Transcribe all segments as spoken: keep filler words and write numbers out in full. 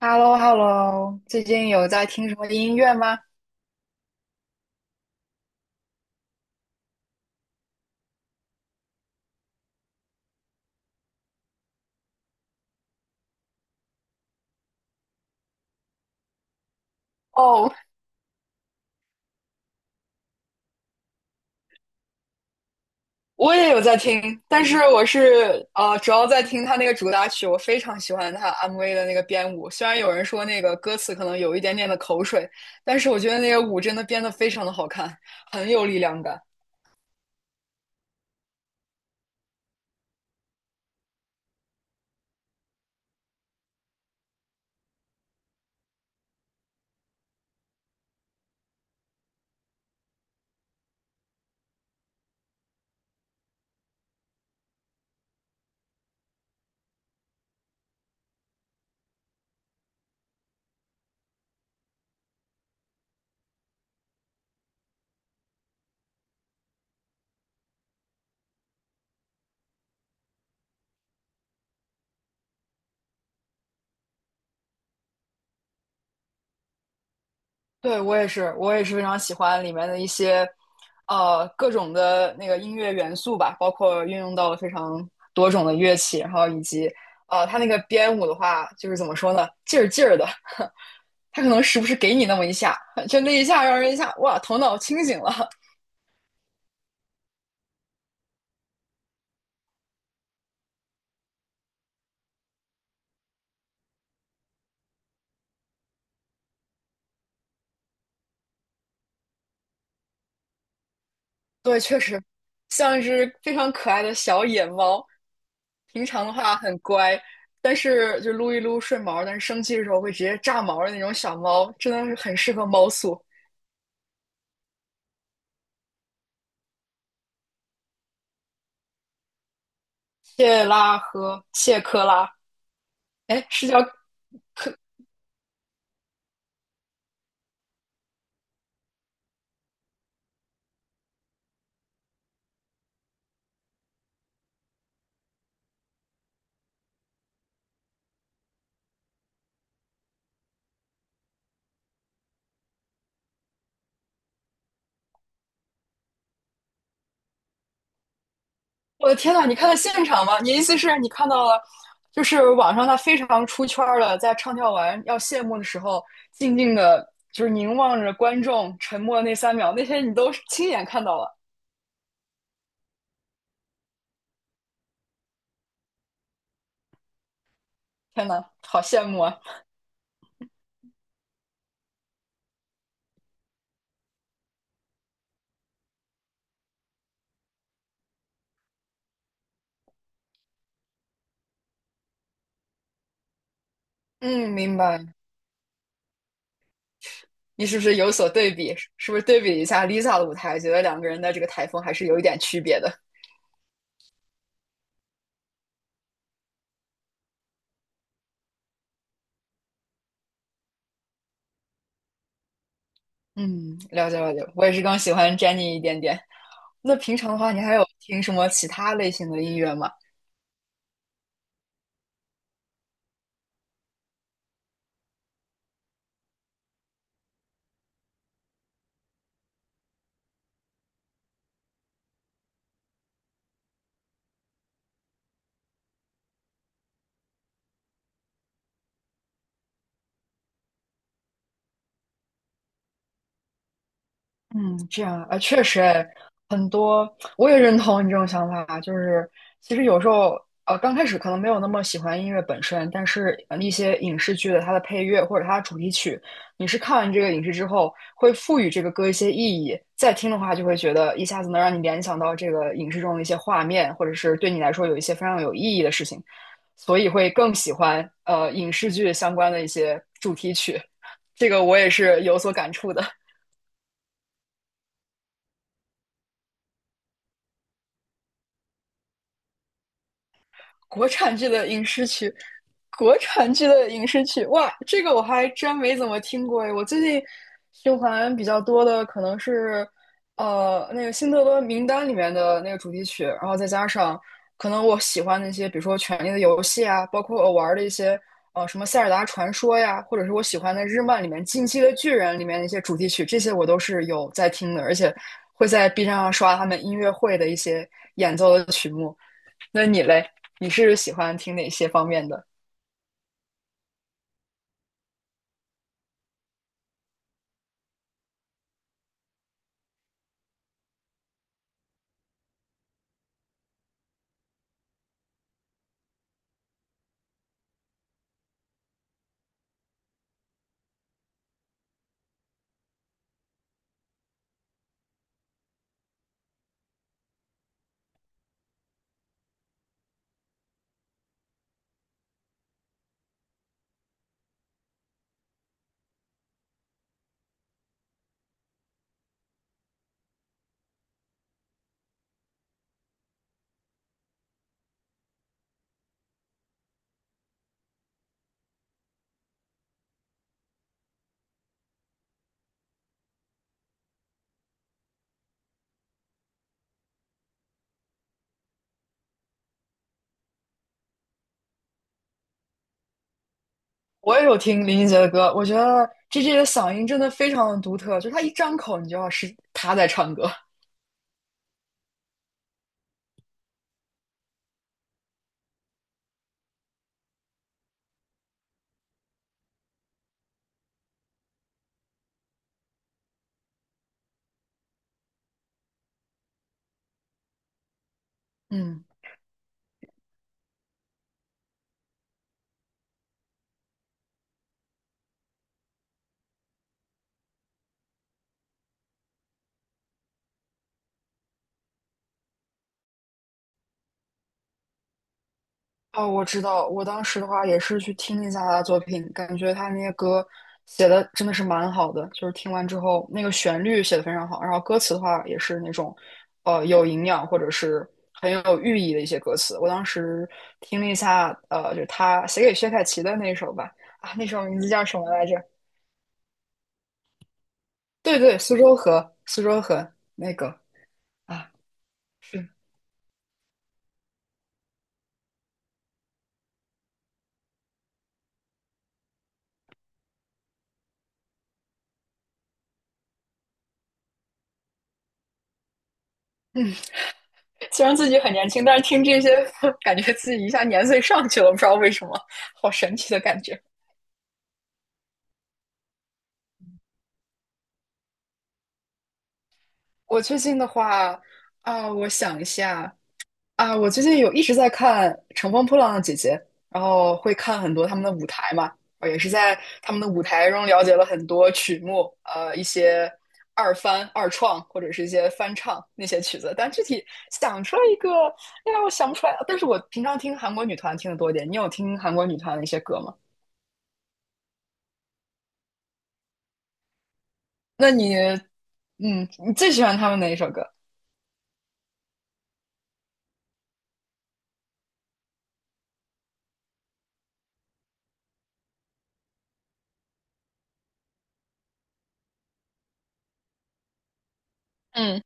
h e l l o h e l l o 最近有在听什么音乐吗？哦，我也有在听，但是我是呃，主要在听他那个主打曲，我非常喜欢他 M V 的那个编舞。虽然有人说那个歌词可能有一点点的口水，但是我觉得那个舞真的编得非常的好看，很有力量感。对，我也是，我也是非常喜欢里面的一些呃各种的那个音乐元素吧，包括运用到了非常多种的乐器，然后以及呃他那个编舞的话，就是怎么说呢，劲儿劲儿的。它可能时不时给你那么一下，就那一下让人一下哇，头脑清醒了。对，确实像一只非常可爱的小野猫，平常的话很乖，但是就撸一撸顺毛，但是生气的时候会直接炸毛的那种小猫，真的是很适合猫宿。谢拉和谢克拉，哎，是叫我的天呐，你看到现场吗？你意思是你看到了，就是网上他非常出圈儿的，在唱跳完要谢幕的时候，静静的，就是凝望着观众，沉默那三秒，那些你都亲眼看到了。天呐，好羡慕啊！嗯，明白。你是不是有所对比？是不是对比一下 Lisa 的舞台，觉得两个人的这个台风还是有一点区别的？嗯，了解了解。我也是更喜欢 Jennie 一点点。那平常的话，你还有听什么其他类型的音乐吗？嗯，这样啊，确实哎，很多我也认同你这种想法，就是其实有时候呃，刚开始可能没有那么喜欢音乐本身，但是呃一些影视剧的它的配乐或者它的主题曲，你是看完这个影视之后，会赋予这个歌一些意义，再听的话就会觉得一下子能让你联想到这个影视中的一些画面，或者是对你来说有一些非常有意义的事情，所以会更喜欢呃影视剧相关的一些主题曲，这个我也是有所感触的。国产剧的影视剧，国产剧的影视剧，哇，这个我还真没怎么听过诶。我最近循环比较多的可能是，呃，那个《辛德勒名单》里面的那个主题曲，然后再加上可能我喜欢的一些，比如说《权力的游戏》啊，包括我玩的一些，呃，什么《塞尔达传说》呀，或者是我喜欢的日漫里面《进击的巨人》里面的一些主题曲，这些我都是有在听的，而且会在 B 站上刷他们音乐会的一些演奏的曲目。那你嘞？你是喜欢听哪些方面的？我也有听林俊杰的歌，我觉得 g j 的嗓音真的非常的独特，就是他一张口，你就要是他在唱歌。嗯，哦，我知道，我当时的话也是去听一下他的作品，感觉他那些歌写的真的是蛮好的，就是听完之后那个旋律写的非常好，然后歌词的话也是那种呃有营养或者是很有寓意的一些歌词。我当时听了一下，呃，就是他写给薛凯琪的那首吧，啊，那首名字叫什么来着？对对，苏州河，苏州河那个啊，是，虽然自己很年轻，但是听这些，感觉自己一下年岁上去了，不知道为什么，好神奇的感觉。我最近的话啊，我想一下，啊，我最近有一直在看《乘风破浪的姐姐》，然后会看很多他们的舞台嘛，呃也是在他们的舞台中了解了很多曲目，呃，一些二翻、二创或者是一些翻唱那些曲子，但具体想出来一个，哎呀，我想不出来。但是我平常听韩国女团听得多一点，你有听韩国女团的一些歌吗？那你，嗯，你最喜欢他们哪一首歌？嗯。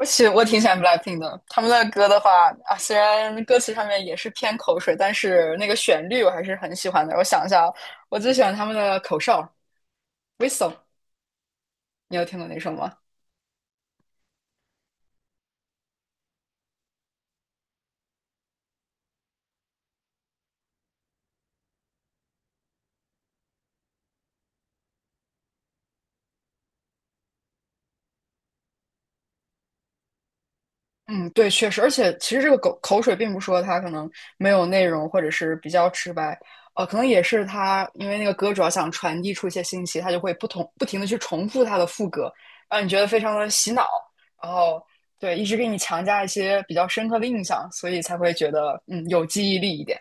我喜我挺喜欢 BLACKPINK 的，他们的歌的话啊，虽然歌词上面也是偏口水，但是那个旋律我还是很喜欢的。我想一下啊，我最喜欢他们的口哨，w h i s t l e 你有听过那首吗？嗯，对，确实，而且其实这个口口水并不说它可能没有内容，或者是比较直白，呃，可能也是它因为那个歌主要想传递出一些信息，它就会不同不停的去重复它的副歌，让你觉得非常的洗脑，然后对，一直给你强加一些比较深刻的印象，所以才会觉得嗯有记忆力一点。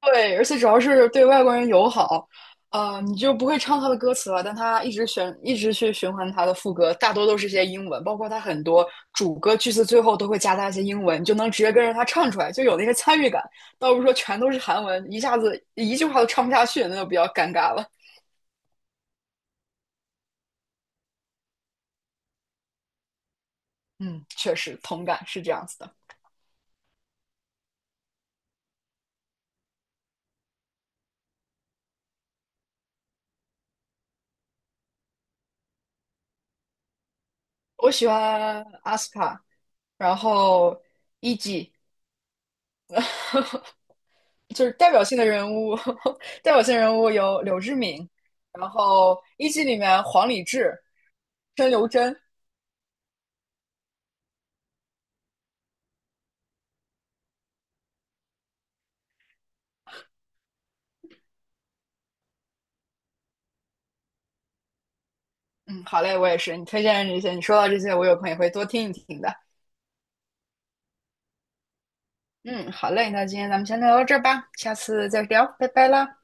对，而且主要是对外国人友好，呃，你就不会唱他的歌词了，但他一直选，一直去循环他的副歌，大多都是一些英文，包括他很多主歌句子最后都会夹杂一些英文，你就能直接跟着他唱出来，就有那个参与感，倒不是说全都是韩文，一下子一句话都唱不下去，那就比较尴尬了。嗯，确实同感是这样子的。我喜欢 aespa，然后 e.g。就是代表性的人物，代表性人物有柳智敏，然后一季里面黄礼志、申刘真。嗯，好嘞，我也是。你推荐的这些，你说到这些，我有空也会多听一听的。嗯，好嘞，那今天咱们先聊到这儿吧，下次再聊，拜拜啦。